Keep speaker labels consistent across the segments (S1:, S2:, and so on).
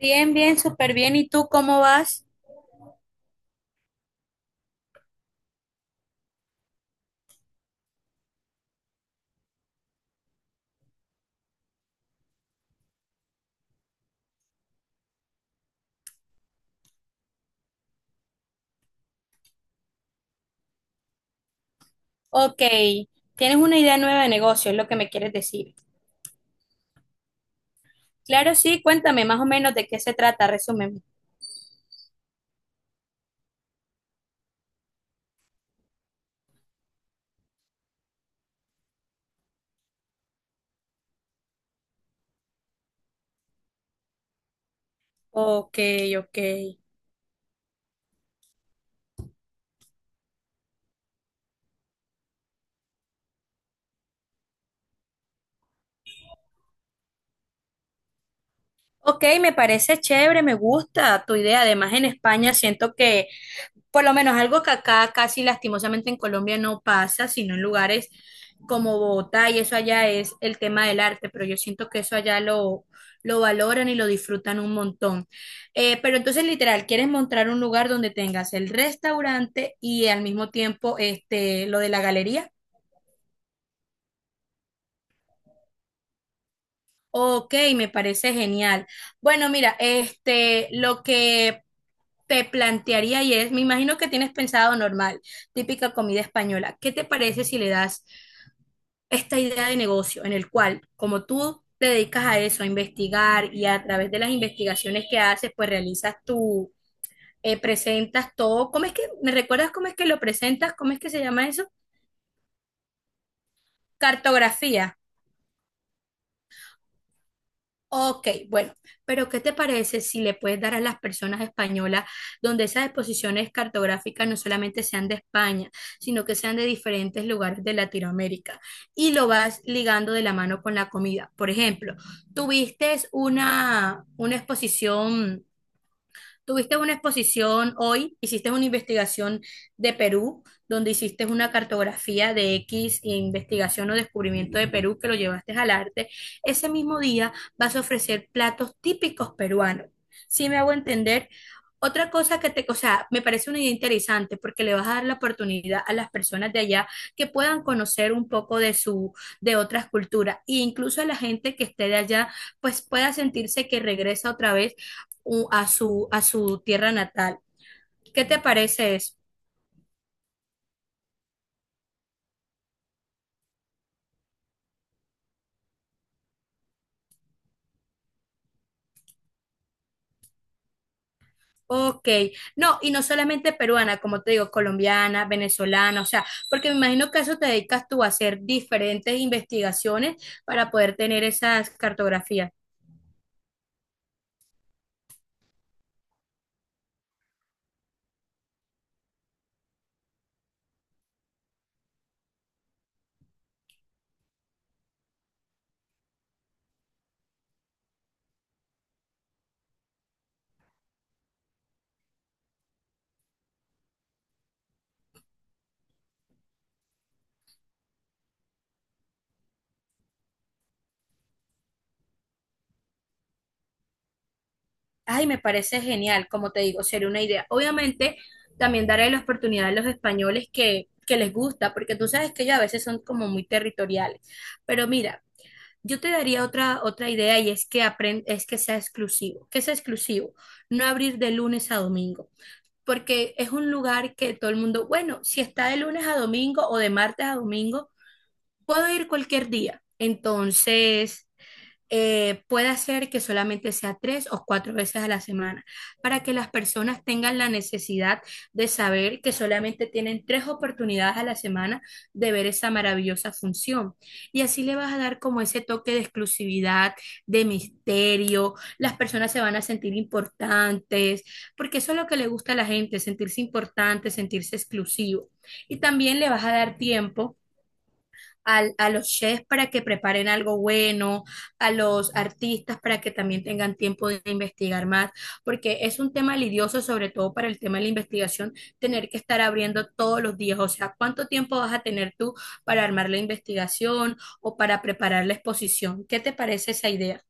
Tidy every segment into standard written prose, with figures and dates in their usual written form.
S1: Bien, bien, súper bien. ¿Y tú cómo vas? Ok, tienes una idea nueva de negocio, es lo que me quieres decir. Claro, sí, cuéntame más o menos de qué se trata, resúmeme. Ok, ok. Ok, me parece chévere, me gusta tu idea. Además, en España siento que por lo menos algo que acá casi lastimosamente en Colombia no pasa, sino en lugares como Bogotá y eso allá es el tema del arte, pero yo siento que eso allá lo valoran y lo disfrutan un montón. Pero entonces, literal, quieres mostrar un lugar donde tengas el restaurante y al mismo tiempo este, lo de la galería. Ok, me parece genial. Bueno, mira, este, lo que te plantearía y es, me imagino que tienes pensado normal, típica comida española. ¿Qué te parece si le das esta idea de negocio en el cual, como tú te dedicas a eso, a investigar y a través de las investigaciones que haces, pues realizas presentas todo. ¿Me recuerdas cómo es que lo presentas? ¿Cómo es que se llama eso? Cartografía. Ok, bueno, pero ¿qué te parece si le puedes dar a las personas españolas donde esas exposiciones cartográficas no solamente sean de España, sino que sean de diferentes lugares de Latinoamérica y lo vas ligando de la mano con la comida? Por ejemplo, tuviste una, una exposición tuviste una exposición hoy, hiciste una investigación de Perú, donde hiciste una cartografía de X investigación o descubrimiento de Perú que lo llevaste al arte. Ese mismo día vas a ofrecer platos típicos peruanos. ¿Si me hago entender? Otra cosa que te, o sea, me parece una idea interesante porque le vas a dar la oportunidad a las personas de allá que puedan conocer un poco de de otras culturas e incluso a la gente que esté de allá, pues pueda sentirse que regresa otra vez a su tierra natal. ¿Qué te parece eso? Ok, no, y no solamente peruana, como te digo, colombiana, venezolana, o sea, porque me imagino que a eso te dedicas tú a hacer diferentes investigaciones para poder tener esas cartografías. Ay, me parece genial, como te digo, sería una idea. Obviamente, también daré la oportunidad a los españoles que les gusta, porque tú sabes que ellos a veces son como muy territoriales. Pero mira, yo te daría otra idea y es que sea exclusivo, no abrir de lunes a domingo, porque es un lugar que todo el mundo, bueno, si está de lunes a domingo o de martes a domingo, puedo ir cualquier día. Entonces, puede hacer que solamente sea 3 o 4 veces a la semana, para que las personas tengan la necesidad de saber que solamente tienen 3 oportunidades a la semana de ver esa maravillosa función. Y así le vas a dar como ese toque de exclusividad, de misterio, las personas se van a sentir importantes, porque eso es lo que le gusta a la gente, sentirse importante, sentirse exclusivo. Y también le vas a dar tiempo a los chefs para que preparen algo bueno, a los artistas para que también tengan tiempo de investigar más, porque es un tema lidioso, sobre todo para el tema de la investigación, tener que estar abriendo todos los días. O sea, ¿cuánto tiempo vas a tener tú para armar la investigación o para preparar la exposición? ¿Qué te parece esa idea?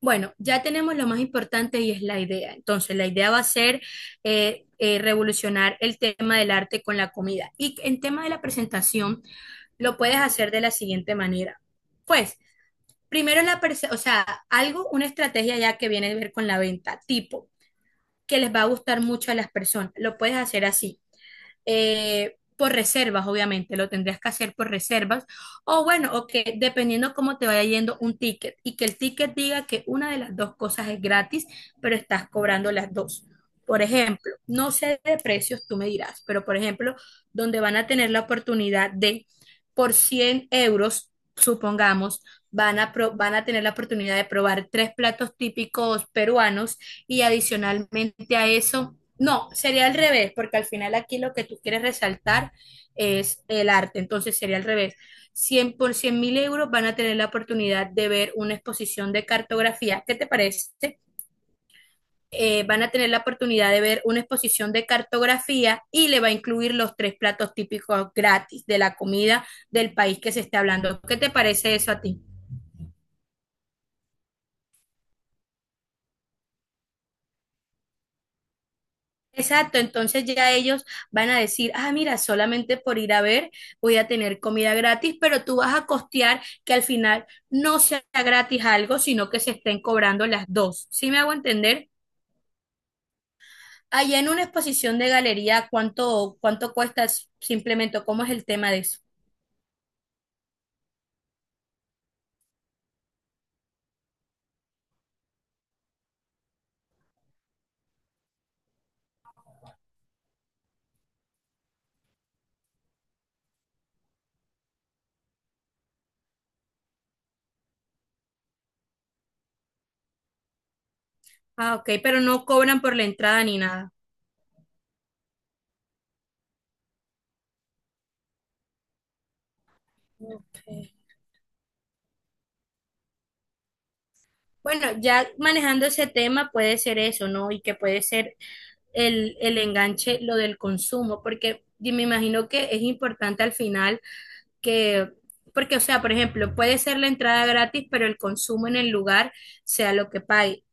S1: Bueno, ya tenemos lo más importante y es la idea. Entonces, la idea va a ser revolucionar el tema del arte con la comida. Y en tema de la presentación, lo puedes hacer de la siguiente manera. Pues, primero o sea, algo, una estrategia ya que viene a ver con la venta, tipo, que les va a gustar mucho a las personas. Lo puedes hacer así por reservas, obviamente, lo tendrías que hacer por reservas. O bueno, o que dependiendo cómo te vaya yendo un ticket y que el ticket diga que una de las dos cosas es gratis, pero estás cobrando las dos. Por ejemplo, no sé de precios, tú me dirás, pero por ejemplo, donde van a tener la oportunidad de, por 100 euros, supongamos, van a tener la oportunidad de probar tres platos típicos peruanos y adicionalmente a eso no, sería al revés, porque al final aquí lo que tú quieres resaltar es el arte, entonces sería al revés. 100 por 100.000 euros van a tener la oportunidad de ver una exposición de cartografía. ¿Qué te parece? Van a tener la oportunidad de ver una exposición de cartografía y le va a incluir los tres platos típicos gratis de la comida del país que se esté hablando. ¿Qué te parece eso a ti? Exacto, entonces ya ellos van a decir, ah, mira, solamente por ir a ver voy a tener comida gratis, pero tú vas a costear que al final no sea gratis algo, sino que se estén cobrando las dos. ¿Sí me hago entender? Allá en una exposición de galería, ¿cuánto, cuánto cuesta simplemente? ¿Cómo es el tema de eso? Ah, ok, pero no cobran por la entrada ni nada. Ok. Bueno, ya manejando ese tema puede ser eso, ¿no? Y que puede ser el enganche, lo del consumo, porque me imagino que es importante al final que, porque, o sea, por ejemplo, puede ser la entrada gratis, pero el consumo en el lugar sea lo que pague.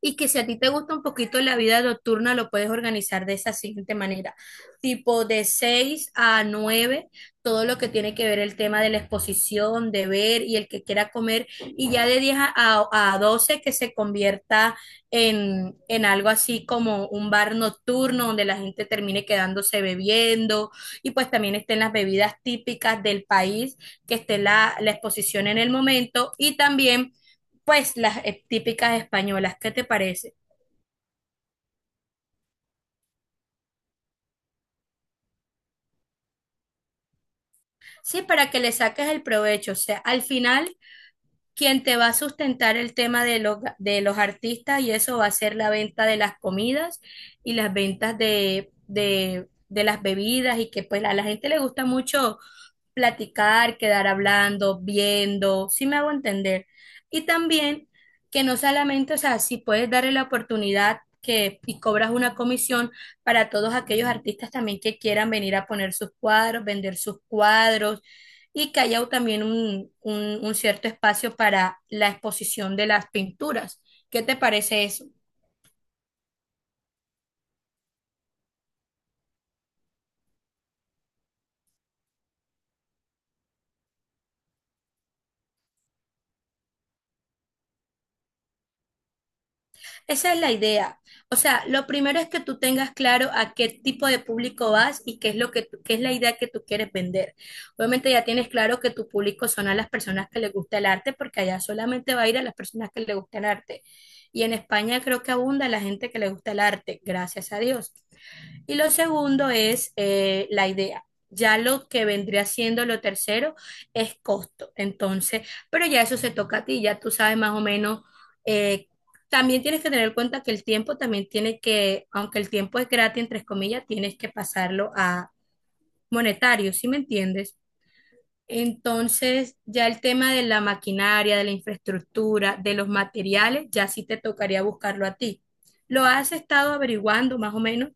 S1: Y que si a ti te gusta un poquito la vida nocturna, lo puedes organizar de esa siguiente manera. Tipo de 6 a 9 todo lo que tiene que ver el tema de la exposición, de ver y el que quiera comer. Y ya de 10 a 12 que se convierta en algo así como un bar nocturno donde la gente termine quedándose bebiendo. Y pues también estén las bebidas típicas del país, que esté la, la exposición en el momento. Y también pues las típicas españolas. ¿Qué te parece? Sí, para que le saques el provecho. O sea, al final, quien te va a sustentar el tema de los artistas y eso va a ser la venta de las comidas y las ventas de, las bebidas y que pues a la gente le gusta mucho platicar, quedar hablando, viendo, si me hago entender. Y también que no solamente, o sea, si puedes darle la oportunidad que y cobras una comisión para todos aquellos artistas también que quieran venir a poner sus cuadros, vender sus cuadros y que haya también un, un cierto espacio para la exposición de las pinturas. ¿Qué te parece eso? Esa es la idea. O sea, lo primero es que tú tengas claro a qué tipo de público vas y qué es la idea que tú quieres vender. Obviamente ya tienes claro que tu público son a las personas que les gusta el arte, porque allá solamente va a ir a las personas que les gusta el arte. Y en España creo que abunda la gente que le gusta el arte, gracias a Dios. Y lo segundo es la idea. Ya lo que vendría siendo lo tercero es costo. Entonces, pero ya eso se toca a ti, ya tú sabes más o menos. eh, También tienes que tener en cuenta que el tiempo también tiene que, aunque el tiempo es gratis, entre comillas, tienes que pasarlo a monetario, ¿sí me entiendes? Entonces, ya el tema de la maquinaria, de la infraestructura, de los materiales, ya sí te tocaría buscarlo a ti. ¿Lo has estado averiguando más o menos?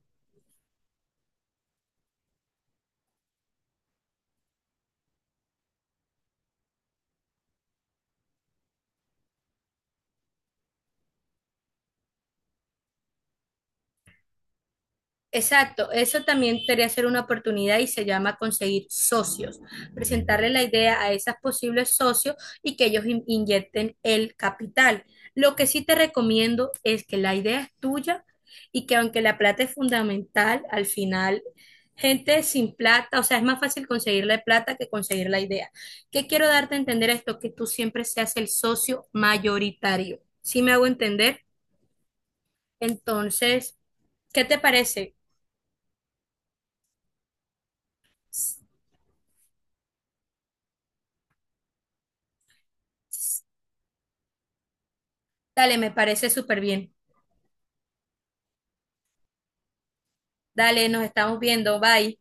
S1: Exacto, eso también podría ser una oportunidad y se llama conseguir socios, presentarle la idea a esos posibles socios y que ellos inyecten el capital. Lo que sí te recomiendo es que la idea es tuya y que aunque la plata es fundamental, al final gente sin plata, o sea, es más fácil conseguir la plata que conseguir la idea. ¿Qué quiero darte a entender esto? Que tú siempre seas el socio mayoritario. ¿Sí me hago entender? Entonces, ¿qué te parece? Dale, me parece súper bien. Dale, nos estamos viendo. Bye.